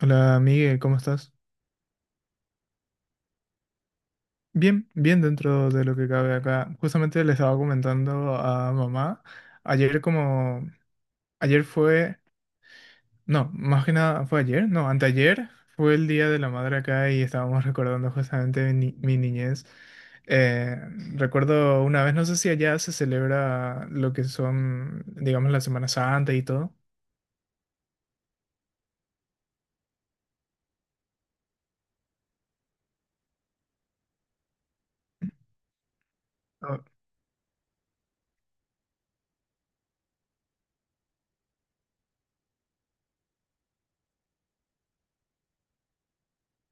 Hola Miguel, ¿cómo estás? Bien, bien dentro de lo que cabe acá. Justamente le estaba comentando a mamá, ayer como, ayer fue, no, más que nada fue ayer, no, anteayer fue el Día de la Madre acá y estábamos recordando justamente mi, ni- mi niñez. Eh, Recuerdo una vez, no sé si allá se celebra lo que son, digamos, la Semana Santa y todo. O-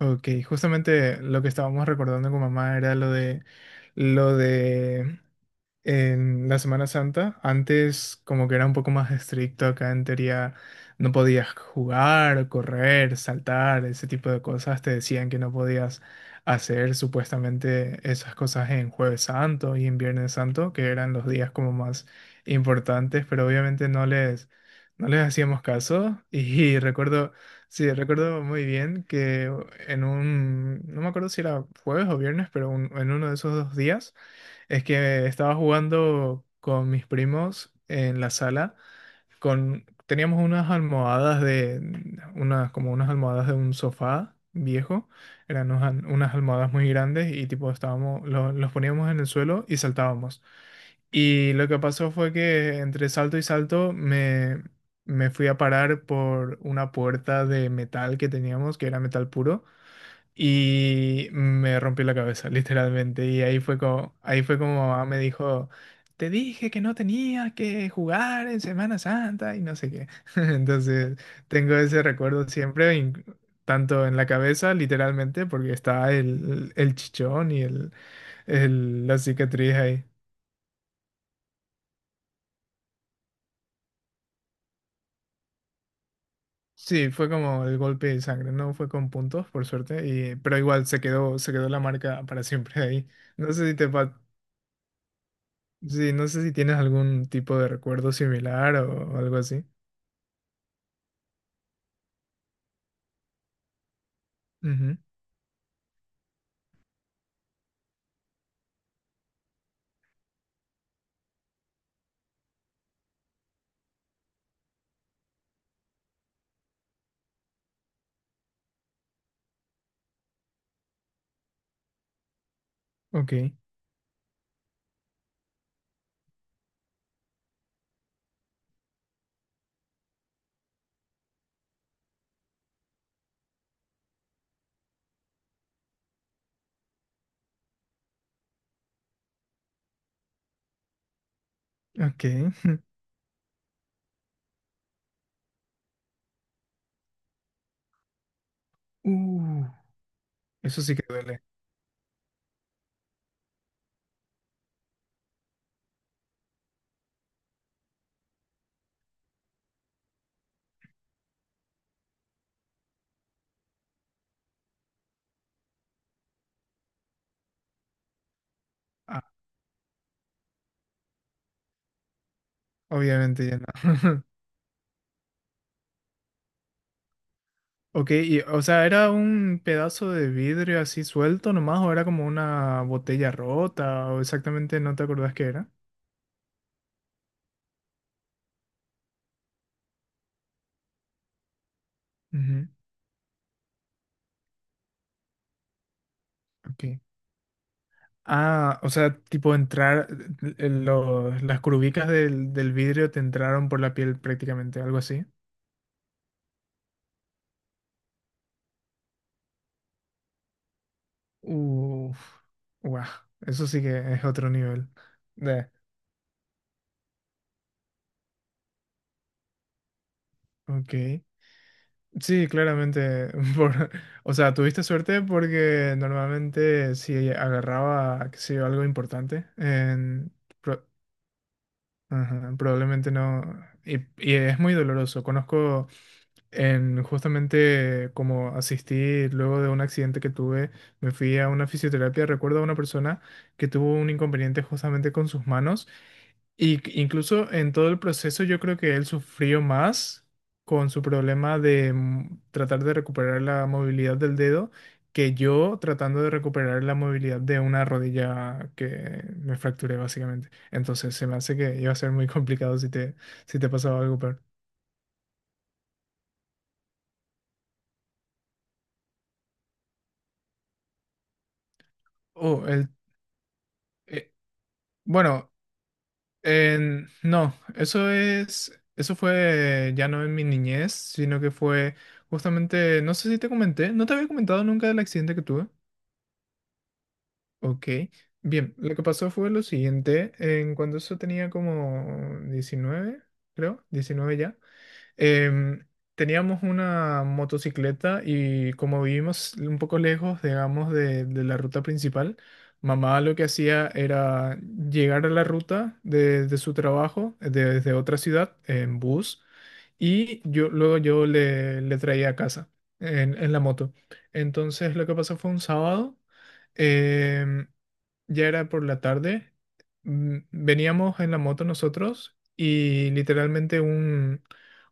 Ok, justamente lo que estábamos recordando con mamá era lo de en la Semana Santa. Antes como que era un poco más estricto acá en teoría, no podías jugar, correr, saltar, ese tipo de cosas. Te decían que no podías hacer supuestamente esas cosas en Jueves Santo y en Viernes Santo, que eran los días como más importantes, pero obviamente no les hacíamos caso. Y recuerdo, sí, recuerdo muy bien que en no me acuerdo si era jueves o viernes, pero en uno de esos dos días es que estaba jugando con mis primos en la sala, con teníamos unas almohadas de unas almohadas de un sofá viejo, eran unas almohadas muy grandes y tipo estábamos los poníamos en el suelo y saltábamos. Y lo que pasó fue que entre salto y salto me fui a parar por una puerta de metal que teníamos, que era metal puro. Y me rompí la cabeza, literalmente. Y ahí fue como mamá me dijo, te dije que no tenías que jugar en Semana Santa y no sé qué. Entonces, tengo ese recuerdo siempre, tanto en la cabeza, literalmente, porque está el chichón y la cicatriz ahí. Sí, fue como el golpe de sangre, no fue con puntos, por suerte, y, pero igual se quedó la marca para siempre ahí. No sé si te, pa- Sí, no sé si tienes algún tipo de recuerdo similar o algo así. Ujú, ok, ok. Uh, eso sí que duele. Ah, obviamente ya no. Ok, y, o sea, ¿era un pedazo de vidrio así suelto nomás o era como una botella rota o exactamente no te acordás qué era? Ujú, ok. Ah, o sea, las curvicas del vidrio te entraron por la piel prácticamente, algo así. Uf, guau, eso sí que es otro nivel. De, ok. Sí, claramente. Por, o sea, tuviste suerte porque normalmente si agarraba, qué sé yo, algo importante, pro- ajá, probablemente no. Y es muy doloroso. Conozco en justamente como asistí luego de un accidente que tuve, me fui a una fisioterapia. Recuerdo a una persona que tuvo un inconveniente justamente con sus manos. Y incluso en todo el proceso yo creo que él sufrió más con su problema de tratar de recuperar la movilidad del dedo que yo tratando de recuperar la movilidad de una rodilla que me fracturé básicamente. Entonces se me hace que iba a ser muy complicado si te pasaba algo peor. Oh, el, eh, bueno, no, eso fue ya no en mi niñez, sino que fue justamente, no sé si te comenté, no te había comentado nunca del accidente que tuve. Ok, bien, lo que pasó fue lo siguiente, en cuando eso tenía como 19, creo, 19 ya, em, teníamos una motocicleta y como vivimos un poco lejos, digamos, de la ruta principal, mamá lo que hacía era llegar a la ruta de su trabajo, desde otra ciudad, en bus, y yo luego yo le, le traía a casa en la moto. Entonces lo que pasó fue un sábado. em, ya era por la tarde, veníamos en la moto nosotros y literalmente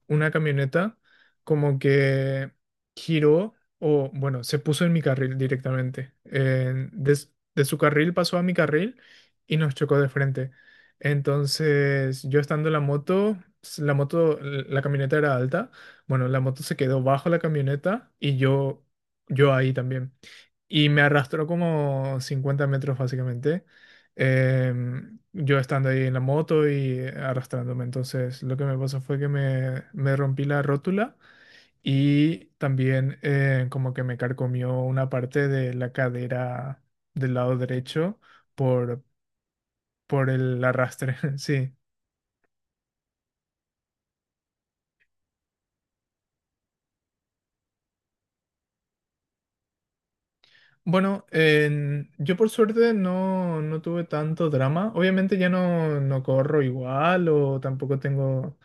una camioneta como que giró o bueno, se puso en mi carril directamente. De su carril pasó a mi carril y nos chocó de frente. Entonces yo estando en la moto, la camioneta era alta, bueno, la moto se quedó bajo la camioneta y yo ahí también y me arrastró como 50 metros básicamente. Yo estando ahí en la moto y arrastrándome. Entonces lo que me pasó fue que me rompí la rótula y también como que me carcomió una parte de la cadera del lado derecho por, por el arrastre. Sí. Bueno, yo por suerte no, no tuve tanto drama. Obviamente ya no, no corro igual o tampoco tengo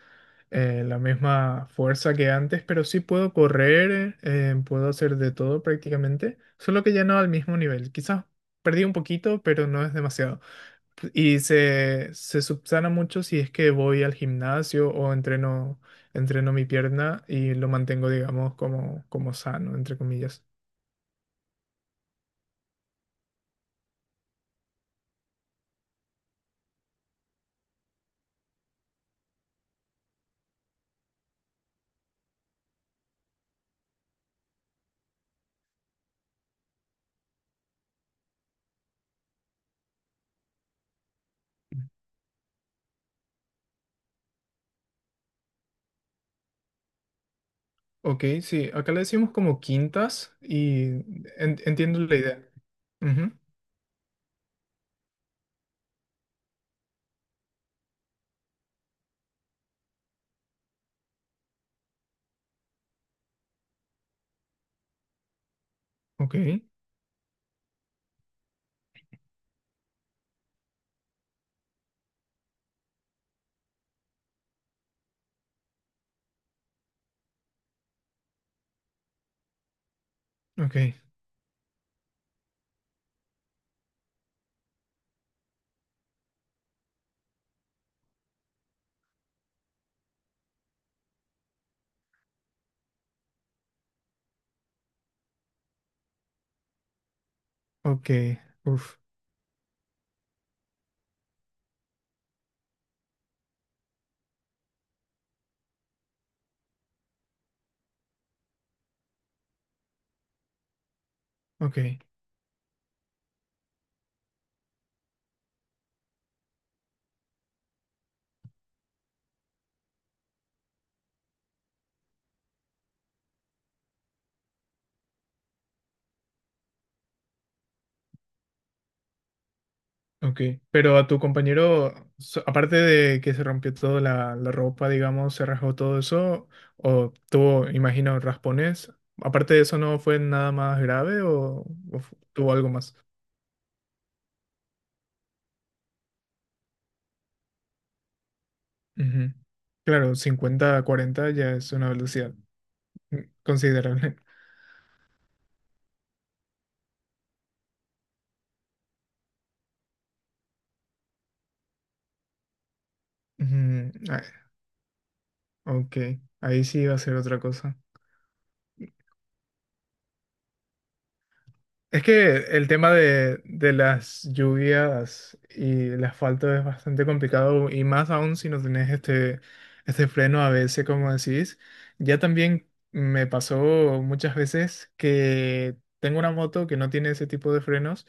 la misma fuerza que antes, pero sí puedo correr, puedo hacer de todo prácticamente, solo que ya no al mismo nivel. Quizás perdí un poquito, pero no es demasiado. Y se subsana mucho si es que voy al gimnasio o entreno, entreno mi pierna y lo mantengo, digamos, como, como sano, entre comillas. Ok, sí, acá le decimos como quintas y entiendo la idea. Ujú, ok, ok, ok, uf, ok. Ok, pero a tu compañero, aparte de que se rompió toda la ropa, digamos, se rasgó todo eso, o tuvo, imagino, raspones, aparte de eso no fue nada más grave o, tuvo algo más. Ujú. Claro, 50, a 40 ya es una velocidad mm, considerable. Ujú, ah, ok, ahí sí iba a ser otra cosa. Es que el tema de las lluvias y el asfalto es bastante complicado y más aún si no tenés este freno a veces como decís. Ya también me pasó muchas veces que tengo una moto que no tiene ese tipo de frenos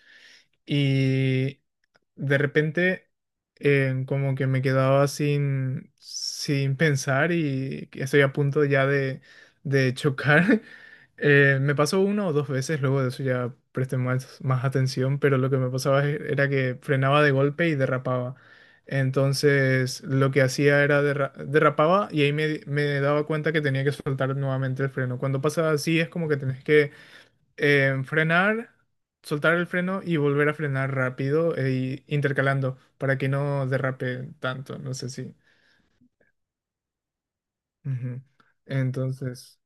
y de repente como que me quedaba sin, sin pensar y que estoy a punto ya de chocar. Me pasó una o dos veces, luego de eso ya presté más, más atención, pero lo que me pasaba era que frenaba de golpe y derrapaba. Entonces lo que hacía era derrapaba y ahí me daba cuenta que tenía que soltar nuevamente el freno. Cuando pasa así es como que tenés que frenar, soltar el freno y volver a frenar rápido e intercalando para que no derrape tanto, no sé si. Ujú. Entonces...